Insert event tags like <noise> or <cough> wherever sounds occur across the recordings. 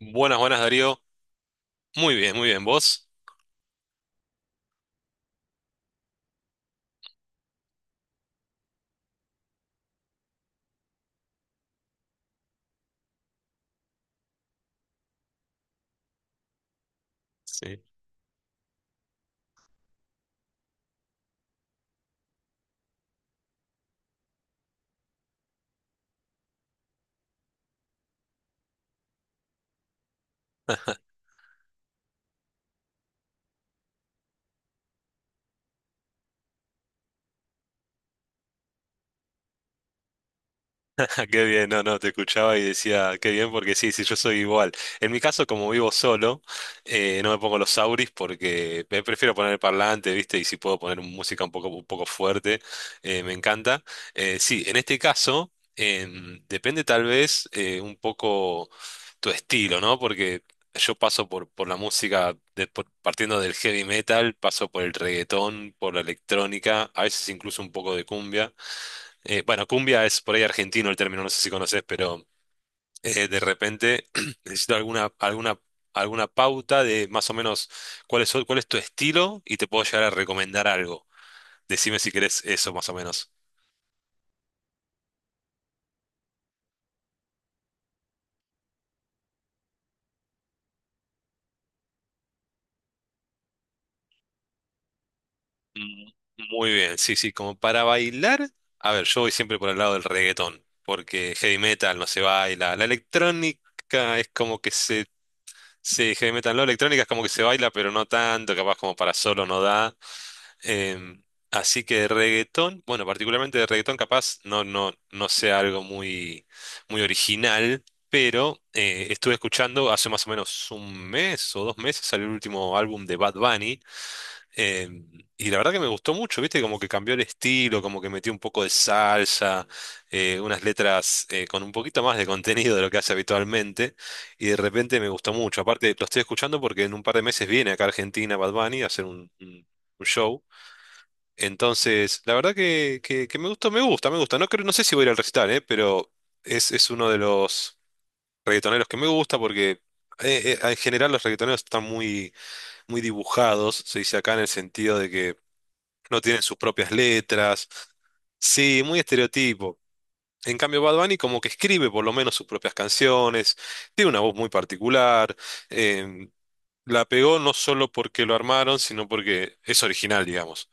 Buenas, buenas Darío. Muy bien, muy bien. ¿Vos? Sí. <laughs> Qué bien, no, no, te escuchaba y decía, qué bien, porque sí, sí, yo soy igual. En mi caso, como vivo solo, no me pongo los auris porque me prefiero poner el parlante, ¿viste? Y si puedo poner música un poco fuerte, me encanta. Sí, en este caso, depende tal vez un poco tu estilo, ¿no? Porque yo paso por la música, partiendo del heavy metal, paso por el reggaetón, por la electrónica, a veces incluso un poco de cumbia. Bueno, cumbia es por ahí argentino el término, no sé si conoces, pero de repente <clears throat> necesito alguna pauta de más o menos cuál es tu estilo y te puedo llegar a recomendar algo. Decime si querés eso más o menos. Mm. Muy bien, sí, sí, como para bailar, a ver, yo voy siempre por el lado del reggaetón, porque heavy metal no se baila, la electrónica es como que se… Sí, heavy metal no, electrónica es como que se baila, pero no tanto, capaz como para solo no da. Em, Así que reggaetón, bueno, particularmente de reggaetón capaz no sea algo muy, muy original, pero estuve escuchando hace más o menos un mes o dos meses salió el último álbum de Bad Bunny, em, y la verdad que me gustó mucho, viste, como que cambió el estilo, como que metió un poco de salsa, unas letras con un poquito más de contenido de lo que hace habitualmente y de repente me gustó mucho. Aparte, lo estoy escuchando porque en un par de meses viene acá a Argentina Bad Bunny a hacer un show. Entonces, la verdad que me gusta, me gusta, me gusta. No creo, no sé si voy a ir al recital, pero es uno de los reggaetoneros que me gusta porque en general los reggaetoneros están muy, muy dibujados, se dice acá en el sentido de que no tienen sus propias letras. Sí, muy estereotipo. En cambio, Bad Bunny como que escribe por lo menos sus propias canciones, tiene una voz muy particular, em, la pegó no solo porque lo armaron, sino porque es original, digamos.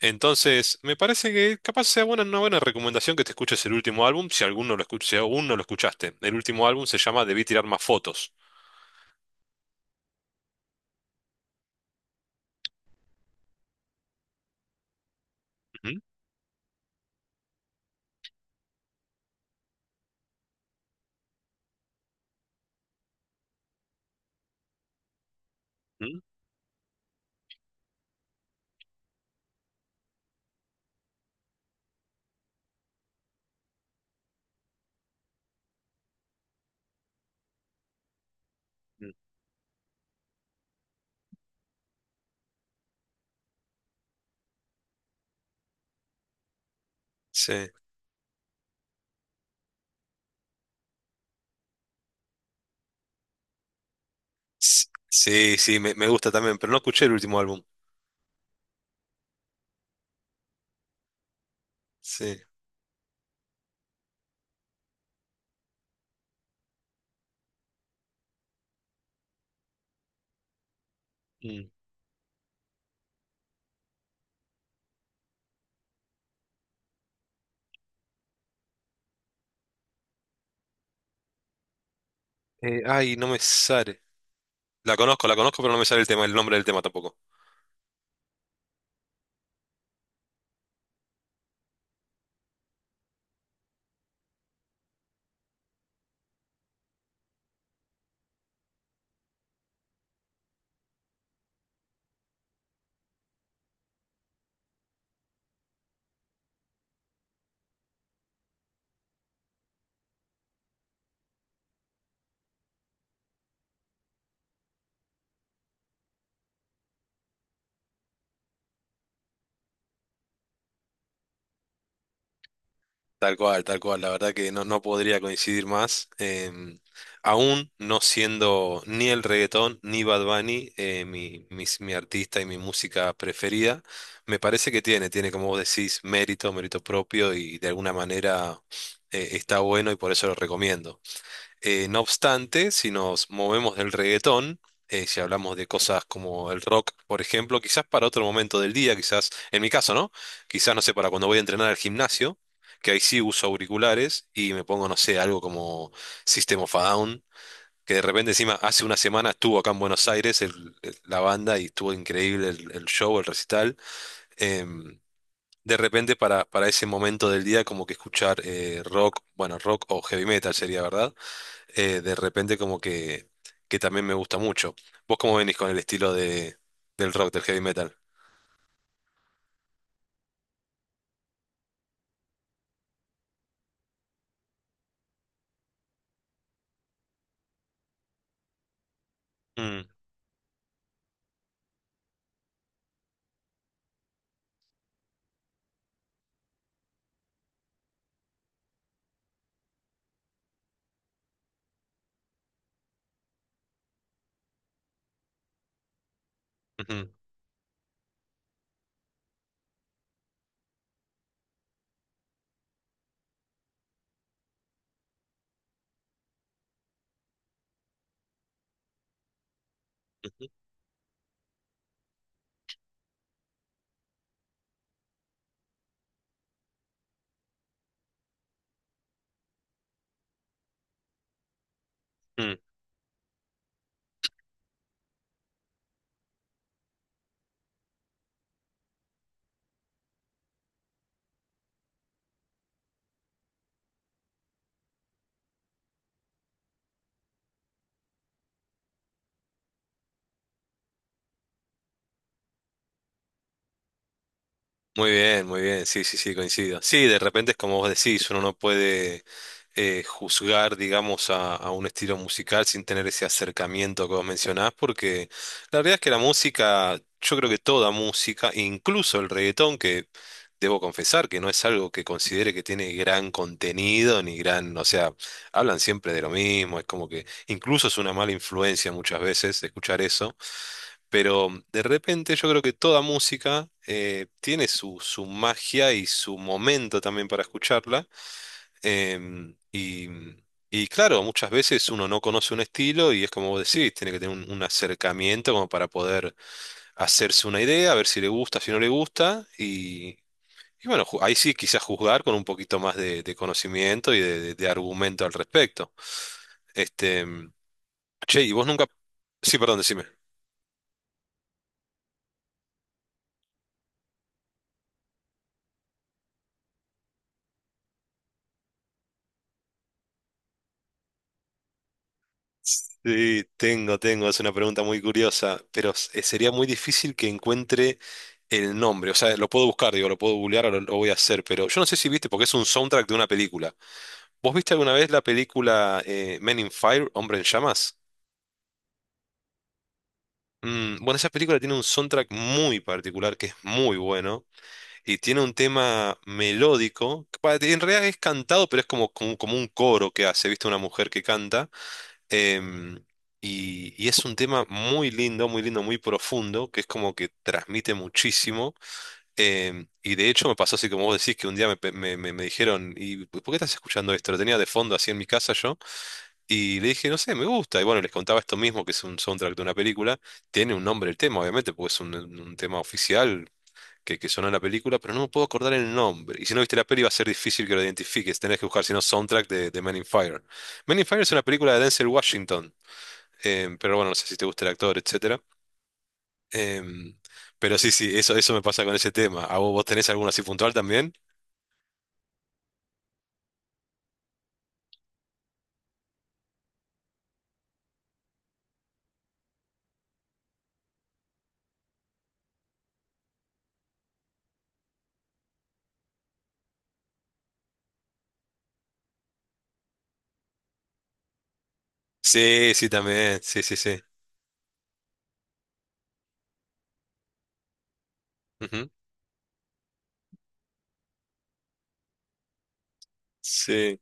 Entonces, me parece que capaz sea buena, una buena recomendación que te escuches el último álbum, si si aún no lo escuchaste. El último álbum se llama Debí tirar más fotos. Ujú, ujú, ujú. Sí, sí, sí, me gusta también, pero no escuché el último álbum. Sí. Mm. Ay, no me sale. La conozco, pero no me sale el tema, el nombre del tema tampoco. Tal cual, tal cual. La verdad que no, no podría coincidir más. Aún no siendo ni el reggaetón ni Bad Bunny, mi artista y mi música preferida, me parece que tiene, tiene como vos decís, mérito, mérito propio y de alguna manera está bueno y por eso lo recomiendo. No obstante, si nos movemos del reggaetón, si hablamos de cosas como el rock, por ejemplo, quizás para otro momento del día, quizás, en mi caso, ¿no? Quizás, no sé, para cuando voy a entrenar al gimnasio, que ahí sí uso auriculares y me pongo, no sé, algo como System of a Down, que de repente encima hace una semana estuvo acá en Buenos Aires la banda y estuvo increíble el show, el recital. Em, de repente para ese momento del día como que escuchar rock, bueno, rock o heavy metal sería, ¿verdad? De repente como que también me gusta mucho. ¿Vos cómo venís con el estilo de, del rock, del heavy metal? Mm, ujú, ujú, mm. Muy bien, sí, sí, sí, coincido. Sí, de repente es como vos decís, uno no puede… juzgar, digamos, a un estilo musical sin tener ese acercamiento que vos mencionás, porque la verdad es que la música, yo creo que toda música, incluso el reggaetón, que debo confesar que no es algo que considere que tiene gran contenido, ni gran, o sea, hablan siempre de lo mismo, es como que incluso es una mala influencia muchas veces escuchar eso. Pero de repente yo creo que toda música tiene su, su magia y su momento también para escucharla. Y, y claro, muchas veces uno no conoce un estilo y es como vos decís, tiene que tener un acercamiento como para poder hacerse una idea, a ver si le gusta, si no le gusta. Y bueno, ahí sí quizás juzgar con un poquito más de conocimiento y de, de argumento al respecto. Este, che, ¿y vos nunca… Sí, perdón, decime. Sí, tengo, tengo, es una pregunta muy curiosa, pero sería muy difícil que encuentre el nombre, o sea, lo puedo buscar, digo, lo puedo googlear lo voy a hacer, pero yo no sé si viste, porque es un soundtrack de una película. ¿Vos viste alguna vez la película Men in Fire, Hombre en Llamas? Mm, bueno, esa película tiene un soundtrack muy particular que es muy bueno y tiene un tema melódico, que en realidad es cantado, pero es como, como un coro que hace, viste, una mujer que canta. Em, y, y es un tema muy lindo, muy lindo, muy profundo, que es como que transmite muchísimo. Y de hecho me pasó así como vos decís, que un día me, pe- me- me- me dijeron, ¿y por qué estás escuchando esto? Lo tenía de fondo así en mi casa yo. Y le dije, no sé, me gusta. Y bueno, les contaba esto mismo, que es un soundtrack de una película. Tiene un nombre el tema, obviamente, porque es un tema oficial que sonó en la película, pero no me puedo acordar el nombre. Y si no viste la peli va a ser difícil que lo identifiques. Tenés que buscar, si no, soundtrack de Men in Fire. Men in Fire es una película de Denzel Washington. Pero bueno, no sé si te gusta el actor, etcétera. Em, pero sí, sí, eso me pasa con ese tema. ¿A vos, vos tenés alguno así puntual también? Sí, sí, también. Sí, sí, sí. Ujú. Sí,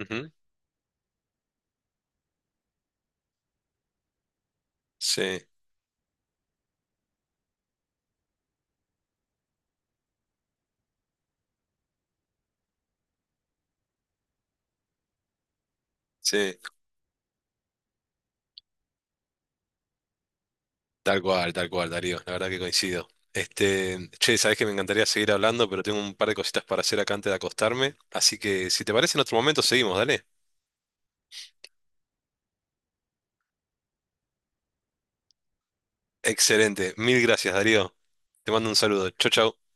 ujú. Sí, sí. Tal cual, Darío. La verdad que coincido. Este, che, sabés que me encantaría seguir hablando, pero tengo un par de cositas para hacer acá antes de acostarme. Así que si te parece, en otro momento seguimos, dale. Excelente. Mil gracias, Darío. Te mando un saludo. Chau, chau.